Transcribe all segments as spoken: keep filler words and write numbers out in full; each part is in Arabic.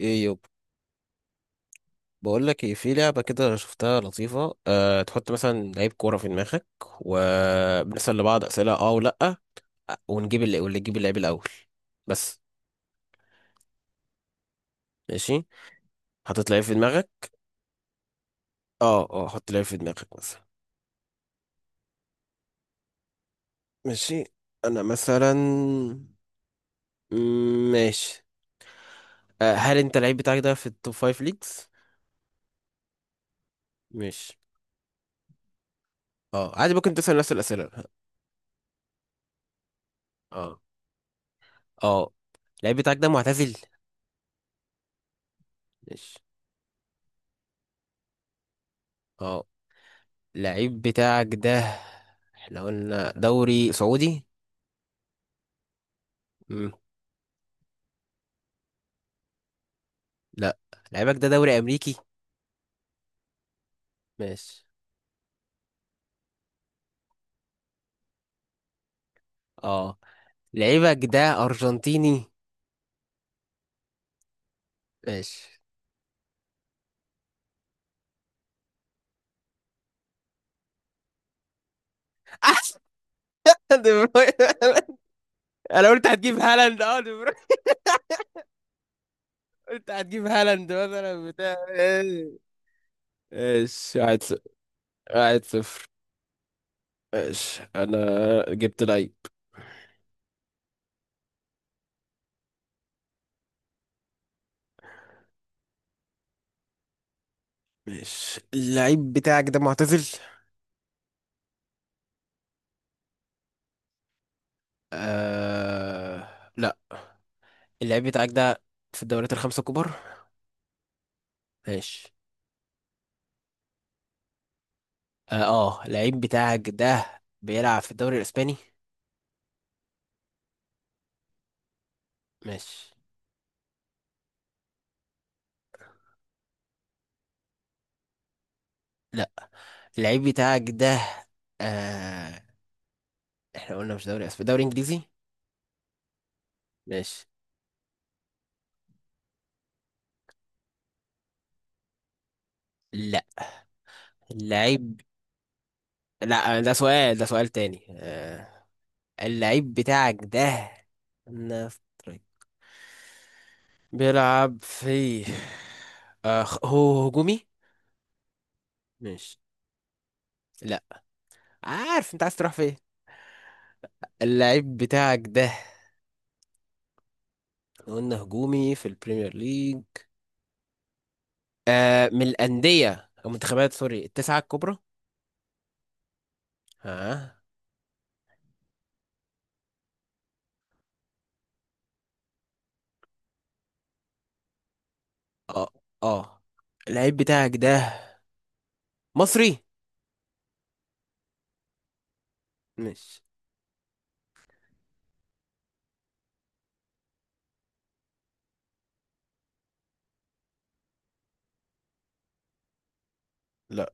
ايه يب. بقول لك ايه، في لعبه كده أنا شفتها لطيفه، أه تحط مثلا لعيب كوره في دماغك وبنسال لبعض اسئله اه ولا ونجيب اللي واللي يجيب اللعيب الاول بس. ماشي. حطيت لعيب في دماغك. اه اه حط لعيب في دماغك مثلا. ماشي، انا مثلا. مم، ماشي. أه هل انت اللعيب بتاعك ده في التوب فايف ليجز؟ ماشي. اه عادي، ممكن تسال نفس الاسئله. اه اه اللعيب بتاعك ده معتزل؟ اه. اللعيب بتاعك ده احنا قلنا دوري سعودي. مم. لا، لعيبك ده دوري امريكي. ماشي. اه، لعيبك ده ارجنتيني. ماشي. دي بروين! انا قلت هتجيب هالاند، اه دي بروين. قلت هتجيب هالاند مثلا بتاع ايه. ماشي، واحد صفر. واحد صفر. ماشي انا، جبت لعيب. ماشي. اللعيب بتاعك ده معتزل؟ آه... لا. اللعيب بتاعك ده في الدوريات الخمسة الكبار؟ ماشي. اه آه، اللعيب بتاعك ده بيلعب في الدوري الاسباني؟ ماشي. لا، اللعيب بتاعك ده، آه احنا قلنا مش دوري اسباني، دوري انجليزي. ماشي. لا، اللعيب. لا، ده سؤال، ده سؤال تاني. آه اللعيب بتاعك ده، نفترض، بيلعب في، آه خ- هو هجومي. لا، عارف انت عايز تروح فين. اللعيب بتاعك ده قلنا هجومي في البريمير ليج. آه من الأندية أو منتخبات سوري التسعة الكبرى؟ ها. اه. اه اللعيب بتاعك ده مصري؟ مش. لا،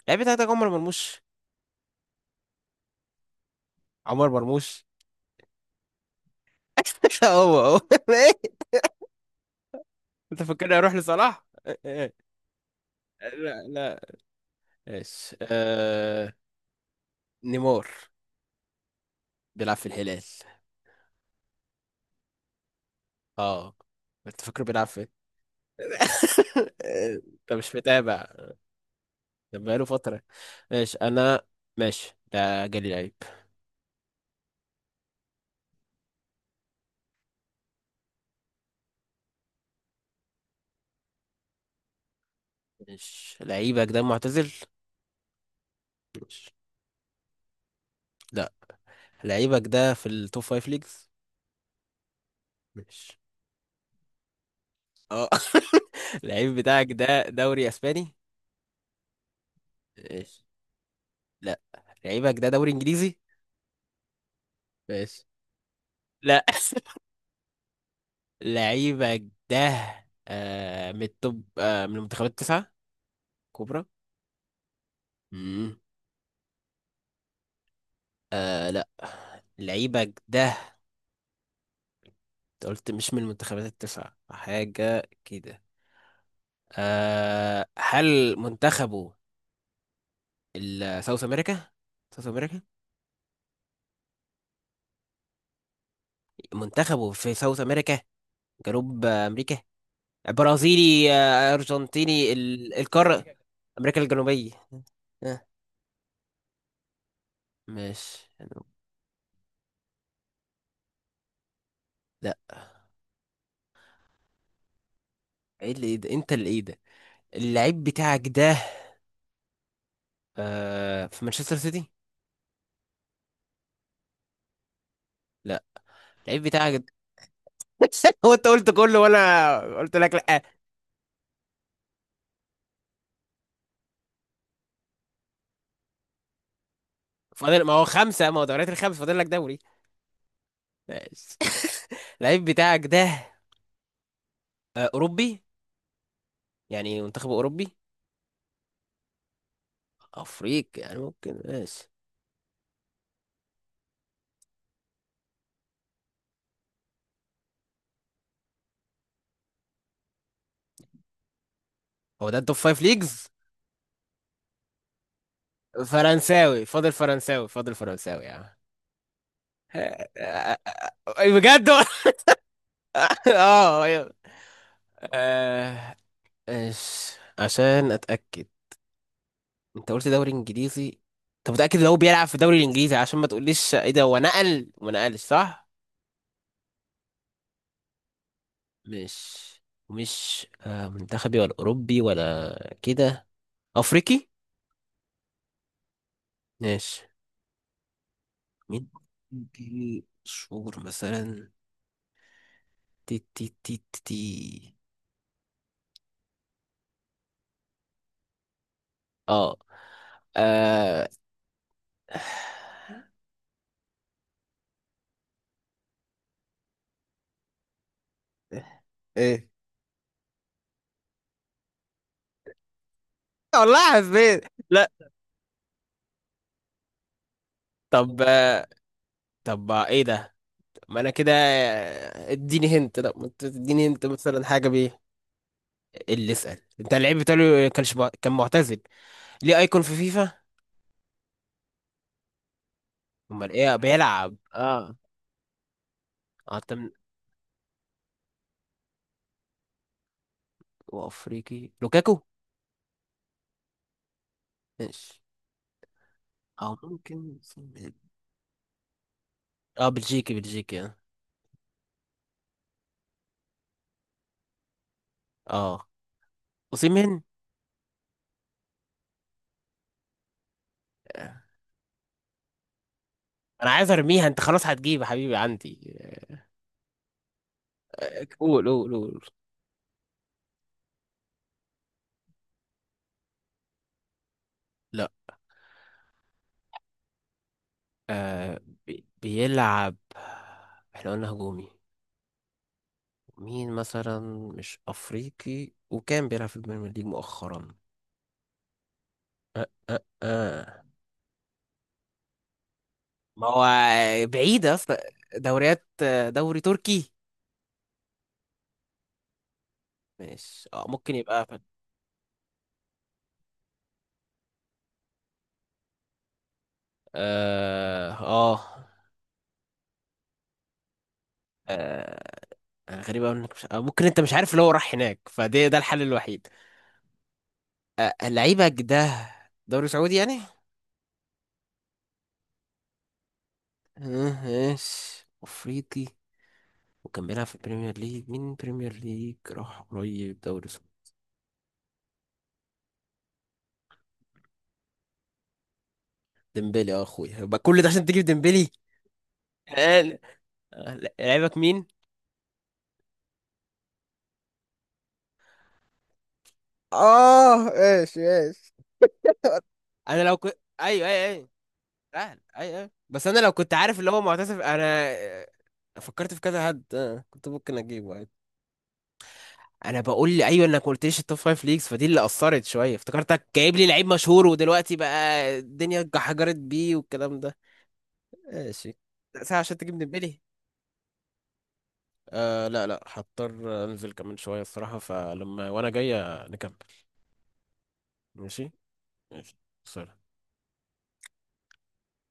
اللعيب بتاعك ده عمر مرموش. عمر مرموش. هو هو. انت فاكرني اروح لصلاح؟ لا لا. ايش آه... نيمار، بيلعب في الهلال. اه، انت فاكره بيلعب في انت مش متابع. ده بقاله فترة. ماشي انا. ماشي، ده جالي لعيب. ماشي، لعيبك ده معتزل؟ ماشي. لا، لعيبك ده في التوب فايف ليجز. ماشي. اه. اللعيب بتاعك ده دوري اسباني؟ ماشي. لعيبك ده دوري انجليزي. ماشي. لا. لعيبك ده آه من التوب، آه من المنتخبات التسعة كبرى؟ امم آه لا، لعيبك ده، انت قلت مش من المنتخبات التسعة، حاجة كده. آه هل منتخبه ال- ساوث امريكا؟ ساوث امريكا. منتخبه في ساوث امريكا، جنوب امريكا، برازيلي، آه، ارجنتيني، ال- القارة امريكا الجنوبية. آه، ماشي. لا، ايه اللي ايه ده، انت اللي ايه ده. اللعيب بتاعك ده آه في مانشستر سيتي؟ لا، اللعيب بتاعك ده. هو انت قلت كله وانا قلت لك لا. آه، فاضل، ما هو خمسة، ما هو دوريات الخمس، فاضل لك دوري. ماشي. اللعيب بتاعك ده آه اوروبي، يعني منتخب اوروبي؟ افريقي يعني ممكن. ماشي، هو ده التوب فايف ليجز. فرنساوي فاضل، فرنساوي فاضل، فرنساوي يا عم. أي بجد؟ اه أيوة. آه، إيش، عشان اتاكد. انت قلت دوري انجليزي، انت متاكد ان هو بيلعب في الدوري الانجليزي؟ عشان ما تقوليش ايه ده هو نقل وما نقلش صح. مش، مش آه، منتخبي ولا اوروبي ولا كده؟ افريقي. ماشي. مين؟ دي شهور مثلا. تي تي تي تي تي. اه آه، ايه؟ والله حسيت. لا. طب آه، طب آه، ايه ده؟ ما انا كده، اديني هنت. لا، ما انت تديني هنت مثلا حاجه بايه. اللي اسال انت اللعيب بتاعه، كانش مع- كان معتزل، ليه ايكون في فيفا؟ امال ايه بيلعب؟ اه، حتى من، وافريقي لوكاكو؟ ماشي. او ممكن سيمين. اه بلجيكي، بلجيكي اه. اه اوسيمين. آه. انا عايز ارميها، انت خلاص هتجيب يا حبيبي عندي. آه، قول قول قول. آه بي- بيلعب. احنا قلنا هجومي. مين مثلا؟ مش افريقي وكان بيلعب في البريمير ليج مؤخرا. أه أه. ما هو بعيدة في دوريات، دوري تركي؟ مش، اه ممكن يبقى في. اه اه آه، غريبة أوي انك مش... آه، ممكن انت مش عارف اللي هو راح هناك، فده ده الحل الوحيد. لعيبك ده دوري سعودي يعني؟ آه، ماشي، افريقي، وكان بيلعب في البريمير ليج، مين بريمير ليج راح قريب دوري سعودي؟ ديمبلي؟ اه اخويا، يبقى كل ده عشان تجيب ديمبلي. هل لعيبك مين؟ اه ايش ايش. انا لو كنت، ايوه ايوه ايوه، سهل، ايوه ايوه، بس انا لو كنت عارف اللي هو معتزف انا. آه، فكرت في كذا حد، آه، كنت ممكن اجيبه عادي. انا بقول لي ايوه، انك ما قلتليش التوب فايف ليجز، فدي اللي اثرت شويه، افتكرتك جايب لي لعيب مشهور ودلوقتي بقى الدنيا اتحجرت بيه والكلام ده. ماشي، ساعه عشان تجيبني ببالي. آه لا لا، هضطر انزل كمان شويه الصراحه، فلما وانا جاي نكمل. ماشي. ماشي. سلام.